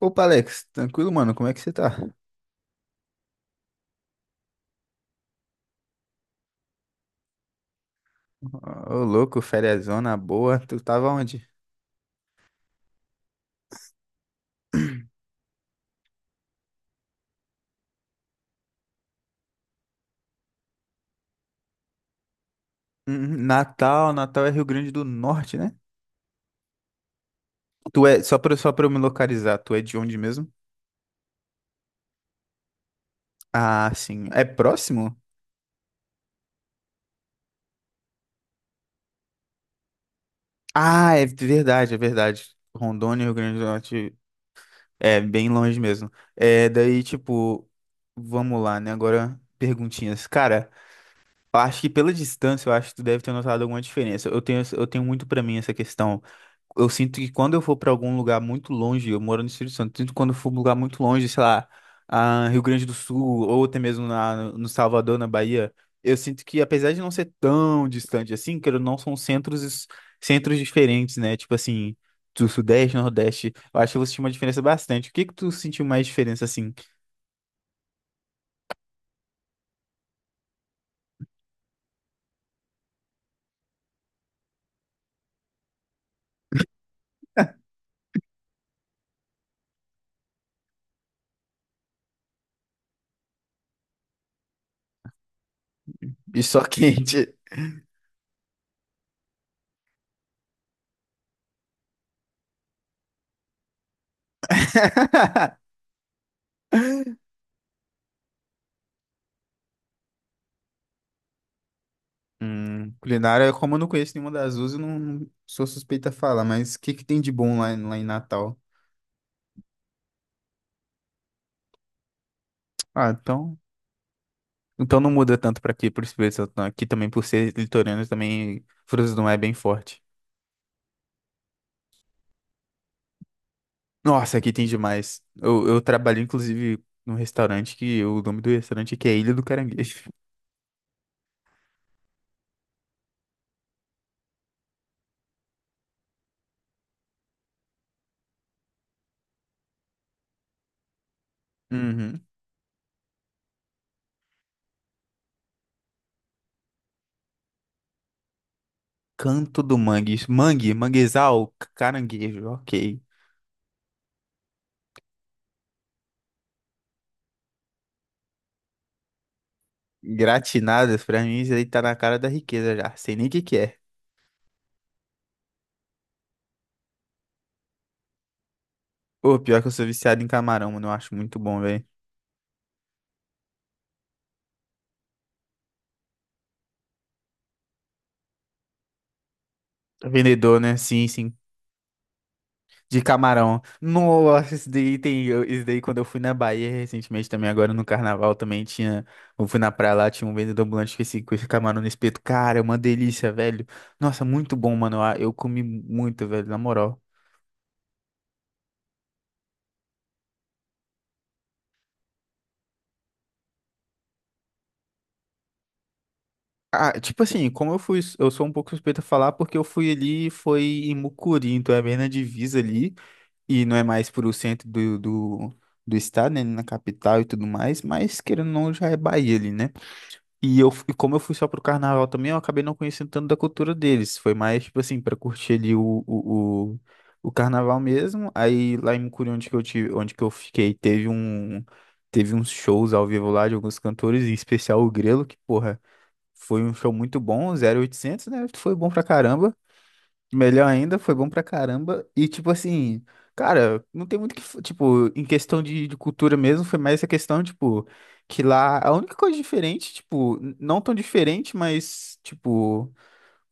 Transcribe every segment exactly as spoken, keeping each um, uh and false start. Opa, Alex, tranquilo, mano? Como é que você tá? Ô, louco, feriazona boa. Tu tava onde? Hum, hum, Natal, Natal é Rio Grande do Norte, né? Tu é, só pra, só pra eu me localizar, tu é de onde mesmo? Ah, sim. É próximo? Ah, é verdade, é verdade. Rondônia, Rio Grande do Norte, é bem longe mesmo. É, daí, tipo, vamos lá, né? Agora, perguntinhas. Cara, eu acho que pela distância, eu acho que tu deve ter notado alguma diferença. Eu tenho, eu tenho muito pra mim essa questão. Eu sinto que quando eu for pra algum lugar muito longe, eu moro no Espírito Santo, sinto que quando eu for pra um lugar muito longe, sei lá, a Rio Grande do Sul, ou até mesmo na, no Salvador, na Bahia, eu sinto que apesar de não ser tão distante assim, que não são centros, centros diferentes, né? Tipo assim, do Sudeste, Nordeste, eu acho que eu vou sentir uma diferença bastante. O que que tu sentiu mais diferença assim? E só quente. Hum, culinária, como eu não conheço nenhuma das duas, eu não, não sou suspeita a falar, mas o que que tem de bom lá, em- lá em Natal? Ah, então, então não muda tanto pra aqui, por isso mesmo, aqui também por ser litorâneo também frutas do mar é bem forte. Nossa, aqui tem demais. Eu, eu trabalhei inclusive num restaurante que o nome do restaurante aqui é Ilha do Caranguejo. Uhum. Canto do Mangue, mangue, manguezal, c- caranguejo, ok. Gratinadas, pra mim isso aí tá na cara da riqueza já, sei nem o que que é. Pô, pior que eu sou viciado em camarão, mano. Eu acho muito bom, velho. Vendedor, né? Sim, sim. De camarão. Nossa, isso daí tem. eu- Isso daí quando eu fui na Bahia recentemente também, agora no carnaval também tinha. Eu fui na praia lá, tinha um vendedor ambulante com esse, com esse camarão no espeto. Cara, é uma delícia, velho. Nossa, muito bom, mano. Eu, eu comi muito, velho, na moral. Ah, tipo assim, como eu fui. Eu sou um pouco suspeito a falar porque eu fui ali, foi em Mucuri, então é bem na divisa ali. E não é mais pro centro do, do, do estado, né, na capital e tudo mais, mas querendo ou não, já é Bahia ali, né? E eu, fu- e como eu fui só pro carnaval também, eu acabei não conhecendo tanto da cultura deles. Foi mais, tipo assim, pra curtir ali o, o, o, o carnaval mesmo. Aí lá em Mucuri, onde que eu tive, onde que eu fiquei, teve um, teve uns shows ao vivo lá de alguns cantores, em especial o Grelo, que, porra, foi um show muito bom, zero oitocentos, né? Foi bom pra caramba. Melhor ainda, foi bom pra caramba. E, tipo assim, cara, não tem muito que. f- Tipo, em questão de, de cultura mesmo, foi mais essa questão, tipo, que lá a única coisa diferente, tipo, n- não tão diferente, mas, tipo.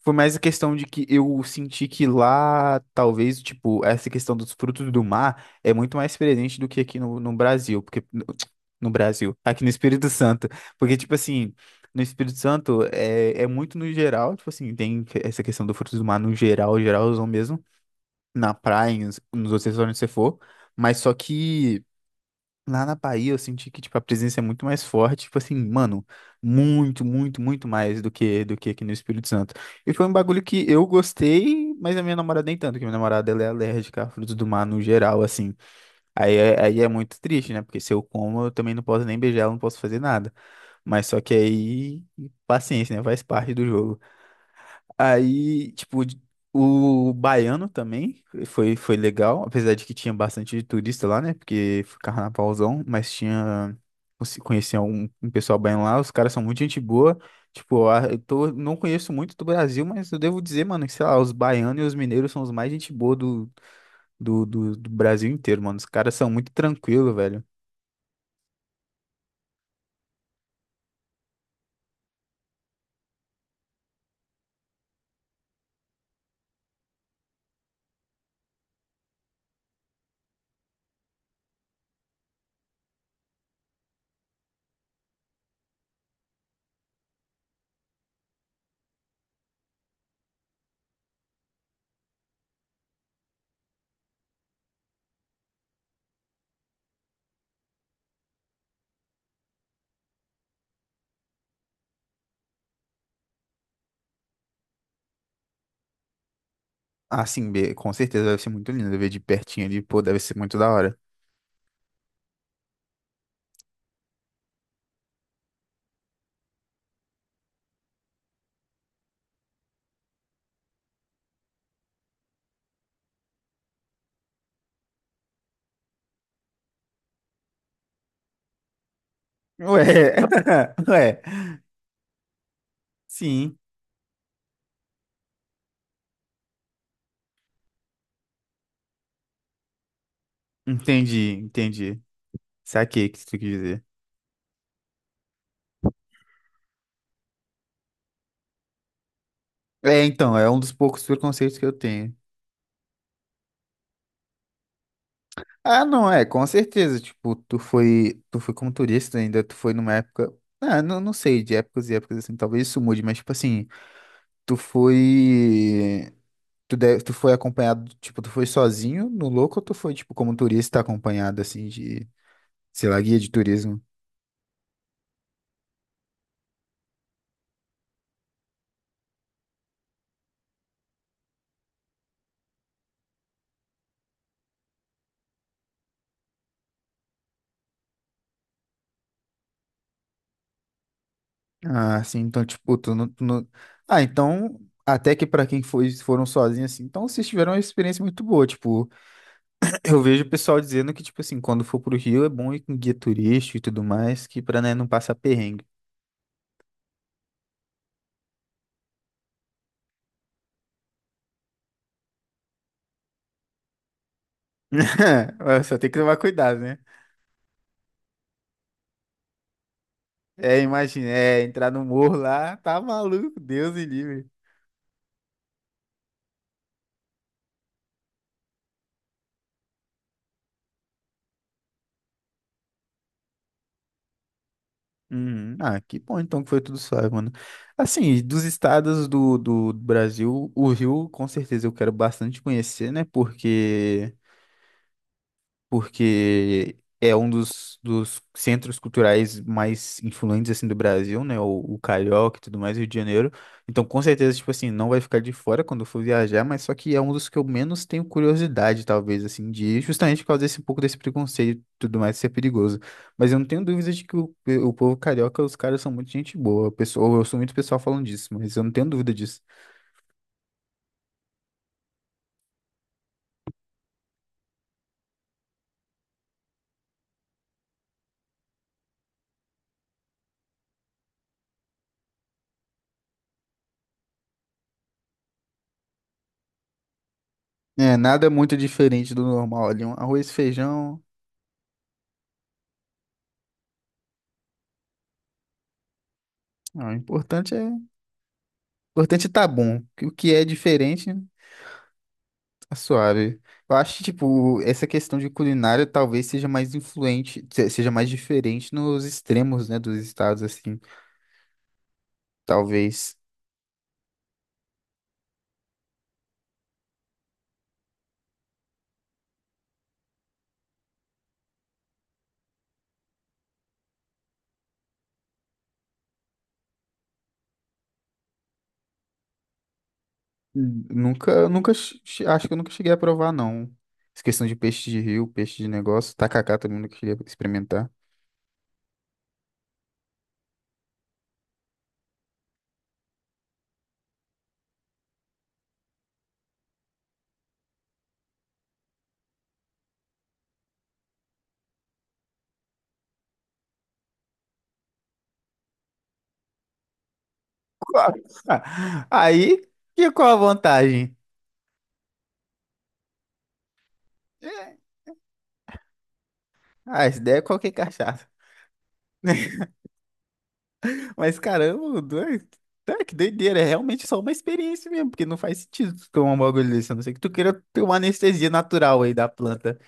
Foi mais a questão de que eu senti que lá, talvez, tipo, essa questão dos frutos do mar é muito mais presente do que aqui no, no Brasil, porque no, no Brasil, aqui no Espírito Santo, porque, tipo assim, no Espírito Santo é, é muito no geral, tipo assim, tem essa questão do frutos do mar no geral, geralzão mesmo, na praia, nos, nos outros restaurantes que você for, mas só que lá na Bahia, eu senti que, tipo, a presença é muito mais forte, tipo assim, mano, muito, muito, muito mais do que do que aqui no Espírito Santo. E foi um bagulho que eu gostei, mas a minha namorada nem tanto, que minha namorada, ela é alérgica a frutos do mar no geral, assim. Aí é, aí é muito triste, né? Porque se eu como, eu também não posso nem beijar ela, não posso fazer nada. Mas só que aí, paciência, né? Faz parte do jogo. Aí, tipo, o baiano também foi, foi legal, apesar de que tinha bastante turista lá, né? Porque foi carnavalzão, mas tinha. conheci- Conheci um, um, pessoal baiano lá, os caras são muito gente boa. Tipo, a- eu tô, não conheço muito do Brasil, mas eu devo dizer, mano, que sei lá, os baianos e os mineiros são os mais gente boa do, do, do, do Brasil inteiro, mano. Os caras são muito tranquilos, velho. Ah, sim, be- com certeza deve ser muito lindo ver de pertinho ali, pô, deve ser muito da hora. Ué, ué, sim. Entendi, entendi. Saquei o que você quis dizer. É, então, é um dos poucos preconceitos que eu tenho. Ah, não, é, com certeza. Tipo, tu foi, tu foi como turista ainda, tu foi numa época. Ah, não, não sei, de épocas e épocas assim, talvez isso mude, mas tipo assim, tu foi. Tu, deve, tu foi acompanhado, tipo, tu foi sozinho no louco ou tu foi, tipo, como turista acompanhado, assim, de, sei lá, guia de turismo? Ah, sim, então, tipo. Tu não, tu não- Ah, então, até que pra quem foi, foram sozinhos, assim, então vocês tiveram uma experiência muito boa, tipo, eu vejo o pessoal dizendo que, tipo assim, quando for pro Rio é bom ir com guia turístico e tudo mais, que pra, né, não passar perrengue. Mas Só tem que tomar cuidado, né? É, imagina, é, entrar no morro lá, tá maluco, Deus me livre. Uhum. Ah, que bom então que foi tudo suave, mano. Assim, dos estados do, do Brasil, o Rio, com certeza eu quero bastante conhecer, né, porque... porque é um dos, dos centros culturais mais influentes assim do Brasil, né? O, o Carioca e tudo mais, Rio de Janeiro. Então, com certeza, tipo assim, não vai ficar de fora quando eu for viajar, mas só que é um dos que eu menos tenho curiosidade, talvez, assim, de ir, justamente por causa desse um pouco desse preconceito e tudo mais ser perigoso. Mas eu não tenho dúvida de que o, o povo carioca, os caras são muito gente boa. O pessoal, eu sou muito pessoal falando disso, mas eu não tenho dúvida disso. É, nada muito diferente do normal ali, um arroz, feijão. Ah, o importante é importante, tá bom. O que é diferente, tá suave. Eu acho que, tipo, essa questão de culinária talvez seja mais influente, se- seja mais diferente nos extremos, né, dos estados, assim. Talvez. Hum, Nunca, nunca, che- che- acho que eu nunca cheguei a provar, não. Essa questão de peixe de rio, peixe de negócio, tacacá também nunca cheguei a experimentar. Qual- Aí, que qual a vantagem? É. Ah, essa ideia é qualquer cachaça. Mas caramba, doido. Cara, que doideira, é realmente só uma experiência mesmo, porque não faz sentido tu tomar um bagulho desse, a não ser que tu queira ter uma anestesia natural aí da planta.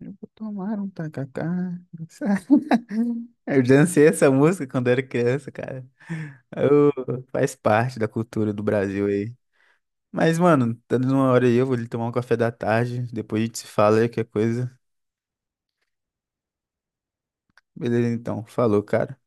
Eu vou tomar um tacacá. Eu dancei essa música quando era criança, cara. Eu- faz parte da cultura do Brasil aí. Mas, mano, tá dando uma hora aí, eu vou ali tomar um café da tarde, depois a gente se fala aí, qualquer coisa. Beleza, então. Falou, cara.